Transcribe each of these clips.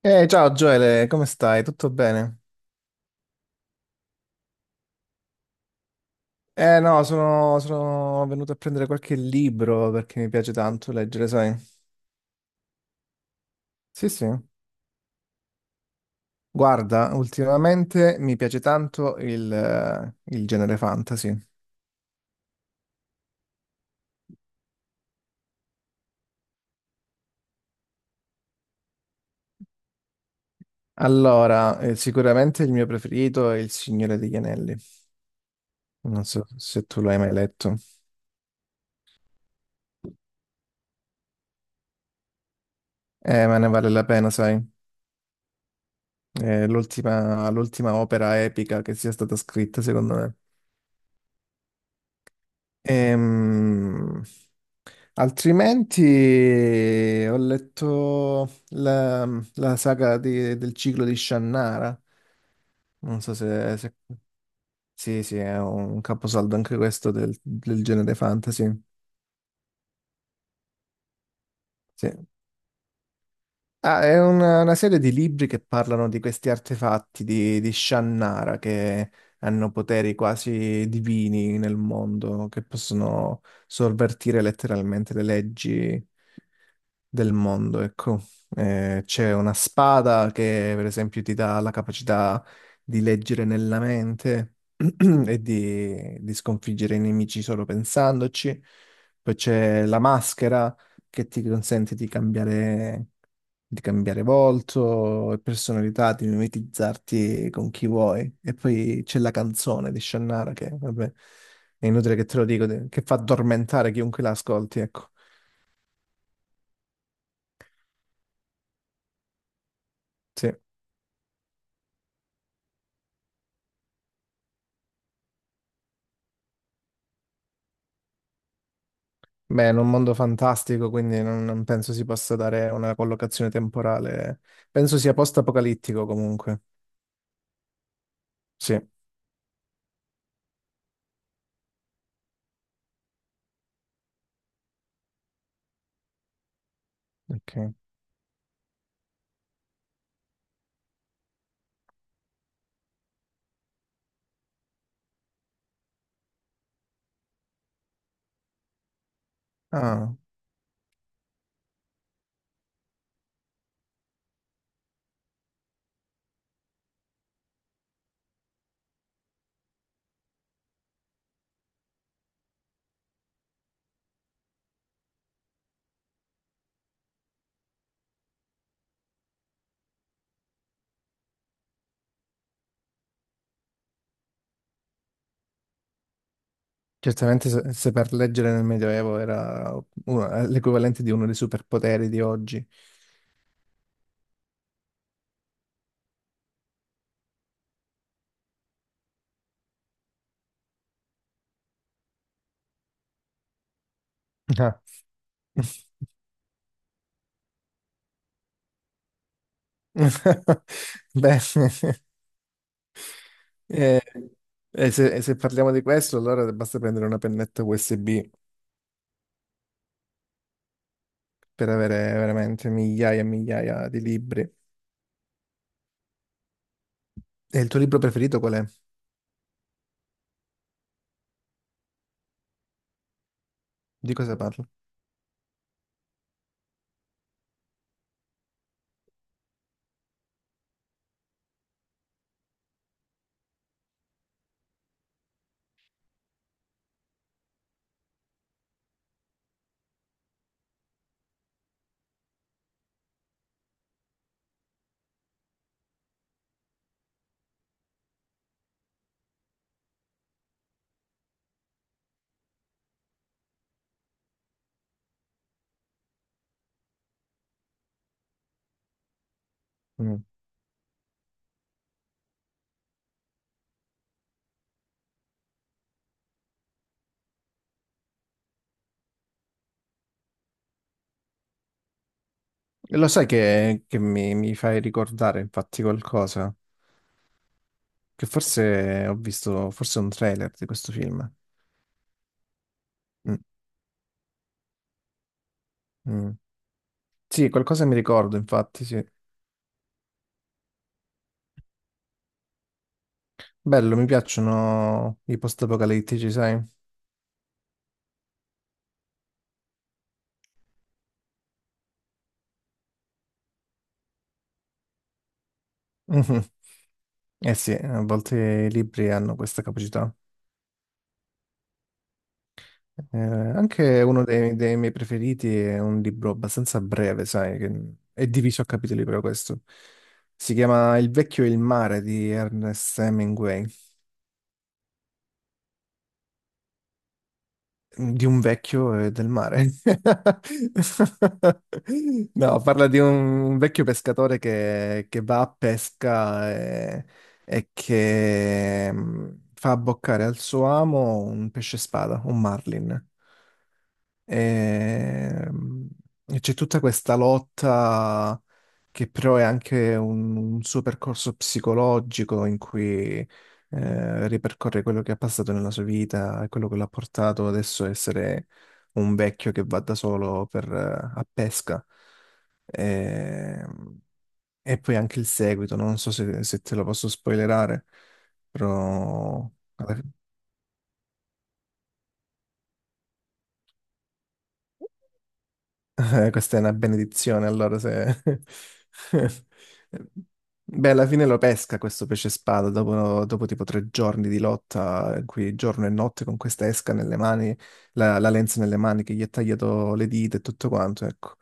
Ciao Gioele, come stai? Tutto bene? Eh no, sono venuto a prendere qualche libro perché mi piace tanto leggere, sai? Sì, sì. Guarda, ultimamente mi piace tanto il genere fantasy. Allora, sicuramente il mio preferito è Il Signore degli Anelli. Non so se tu l'hai mai letto. Ma ne vale la pena, sai? È l'ultima opera epica che sia stata scritta, secondo me. Ehm, Altrimenti ho la del ciclo di Shannara. Non so. Sì, sì, è un caposaldo anche questo del genere fantasy. Sì. Ah, è una serie di libri che parlano di questi artefatti di Shannara che hanno poteri quasi divini nel mondo, che possono sovvertire letteralmente le leggi del mondo, ecco. C'è una spada che, per esempio, ti dà la capacità di leggere nella mente e di sconfiggere i nemici solo pensandoci. Poi c'è la maschera che ti consente di cambiare volto e personalità, di mimetizzarti con chi vuoi. E poi c'è la canzone di Shannara che, vabbè, è inutile che te lo che fa addormentare chiunque la ascolti, ecco. Sì. Beh, è un mondo fantastico, quindi non penso si possa dare una collocazione temporale. Penso sia post-apocalittico comunque. Sì, ok. Ah, certamente se per leggere nel Medioevo era l'equivalente di uno dei superpoteri di oggi. Beh, eh, e se parliamo di questo, allora basta prendere una pennetta USB per avere veramente migliaia e migliaia di libri. E il tuo libro preferito qual è? Di cosa parla? Mm. Lo sai che mi fai ricordare infatti qualcosa? Che forse ho visto, forse un trailer di questo film. Mm, mm. Sì, qualcosa mi ricordo infatti, sì. Bello, mi piacciono i post-apocalittici, sai? Eh sì, a volte i libri hanno questa capacità. Anche uno dei miei preferiti è un libro abbastanza breve, sai, che è diviso a capitoli proprio questo. Si chiama Il vecchio e il mare di Ernest Hemingway, di un vecchio e del mare. No, parla di un vecchio pescatore che va a e che fa abboccare al suo amo un pesce spada, un marlin. Ehm, E c'è tutta questa lotta che però è anche un suo percorso psicologico in cui ripercorre quello che ha passato nella sua vita e quello che l'ha portato adesso a essere un vecchio che va da solo a pesca. Ehm, E, poi anche il seguito, non so se te lo posso spoilerare, però... questa è una benedizione, allora se... Beh, alla fine lo pesca questo pesce spada dopo tipo tre giorni di lotta, in cui giorno e notte con questa esca nelle mani, la lenza nelle mani che gli ha tagliato le dita e tutto quanto, ecco.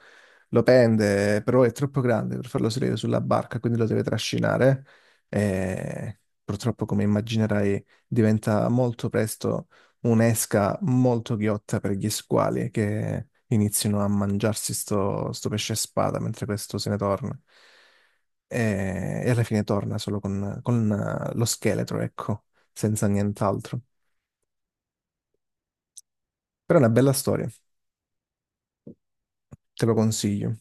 Lo pende, però è troppo grande per farlo salire sulla barca, quindi lo deve trascinare e purtroppo, come immaginerai, diventa molto presto un'esca molto ghiotta per gli squali che iniziano a mangiarsi sto pesce spada mentre questo se ne torna. E alla fine torna solo con lo scheletro, ecco, senza nient'altro. Però è una bella storia, te lo consiglio.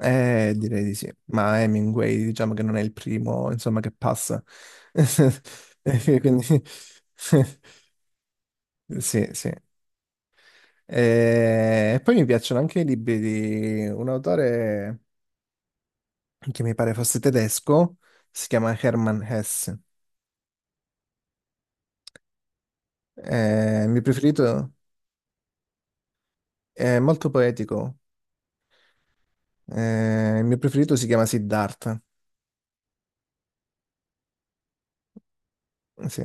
Direi di sì. Ma Hemingway, diciamo che non è il primo, insomma, che passa. Quindi... Sì, sì. E poi mi piacciono anche i libri di un autore che mi pare fosse tedesco, si chiama Hermann Hesse. Il mio preferito è molto poetico. Il mio preferito si chiama Siddhartha. Sì.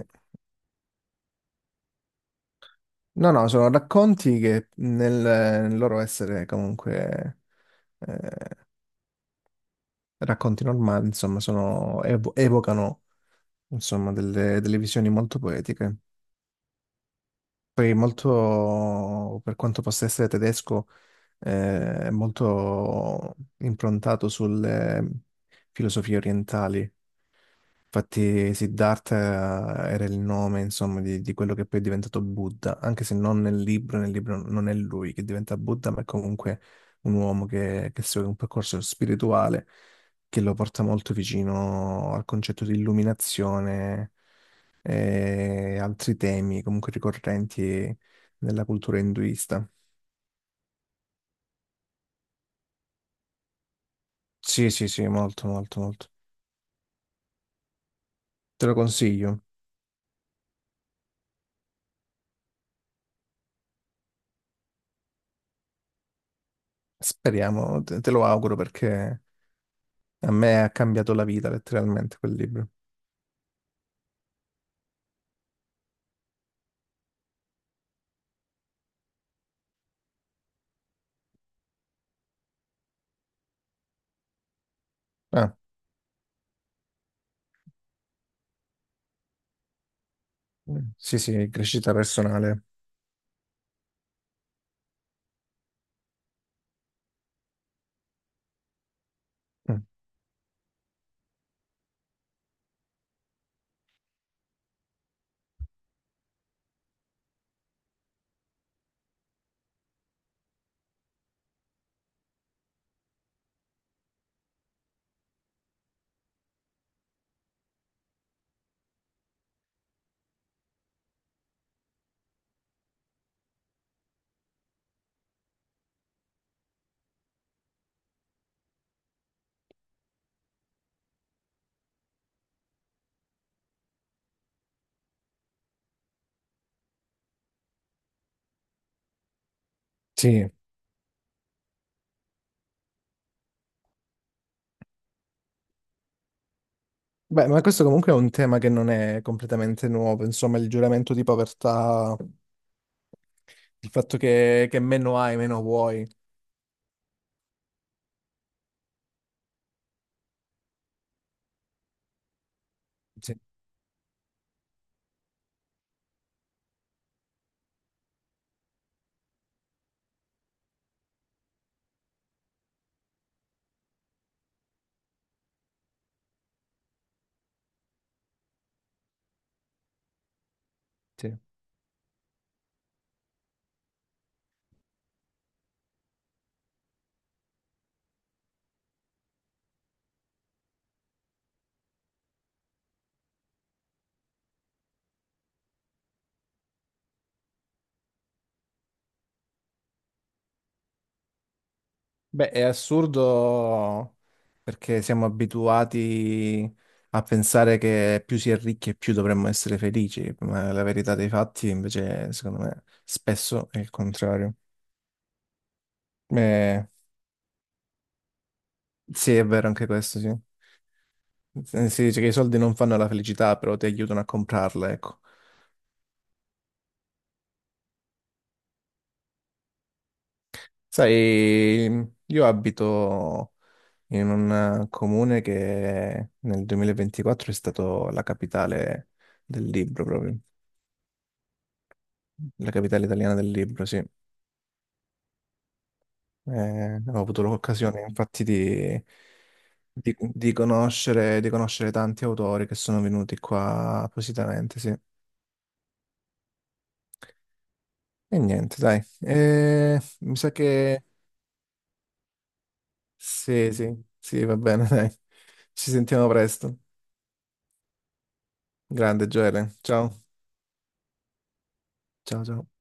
No, no, sono racconti che nel loro essere comunque eh, racconti normali, insomma, evocano insomma, delle visioni molto poetiche. Poi molto, per quanto possa essere tedesco, è molto improntato sulle filosofie orientali. Infatti Siddhartha era il nome, insomma, di quello che poi è diventato Buddha, anche se non nel libro, nel libro non è lui che diventa Buddha, ma è comunque un uomo che segue un percorso spirituale che lo porta molto vicino al concetto di illuminazione e altri temi comunque ricorrenti nella cultura induista. Sì, sì, sì, molto, molto, molto. Te lo consiglio. Speriamo, te lo auguro perché... A me ha cambiato la vita letteralmente quel libro. Ah, sì, sì, crescita personale. Mm, Sì. Beh, ma questo comunque è un tema che non è completamente nuovo, insomma, il giuramento di povertà, il fatto che meno hai, meno vuoi. Sì, sì. Beh, è assurdo perché siamo abituati a pensare che più si è ricchi e più dovremmo essere felici, ma la verità dei fatti invece, secondo me, spesso è il contrario. Eh, Sì, è vero anche questo, sì. Si dice che i soldi non fanno la felicità, però ti aiutano a comprarla, ecco. Sai, io abito in un comune che nel 2024 è stato la capitale del libro, proprio. La capitale italiana del libro, sì. Ho avuto l'occasione, infatti, di conoscere tanti autori che sono venuti qua appositamente, sì. E niente, dai. Mi sa che sì, sì, sì, va bene, dai. Ci sentiamo presto. Grande Gioele. Ciao. Ciao, ciao.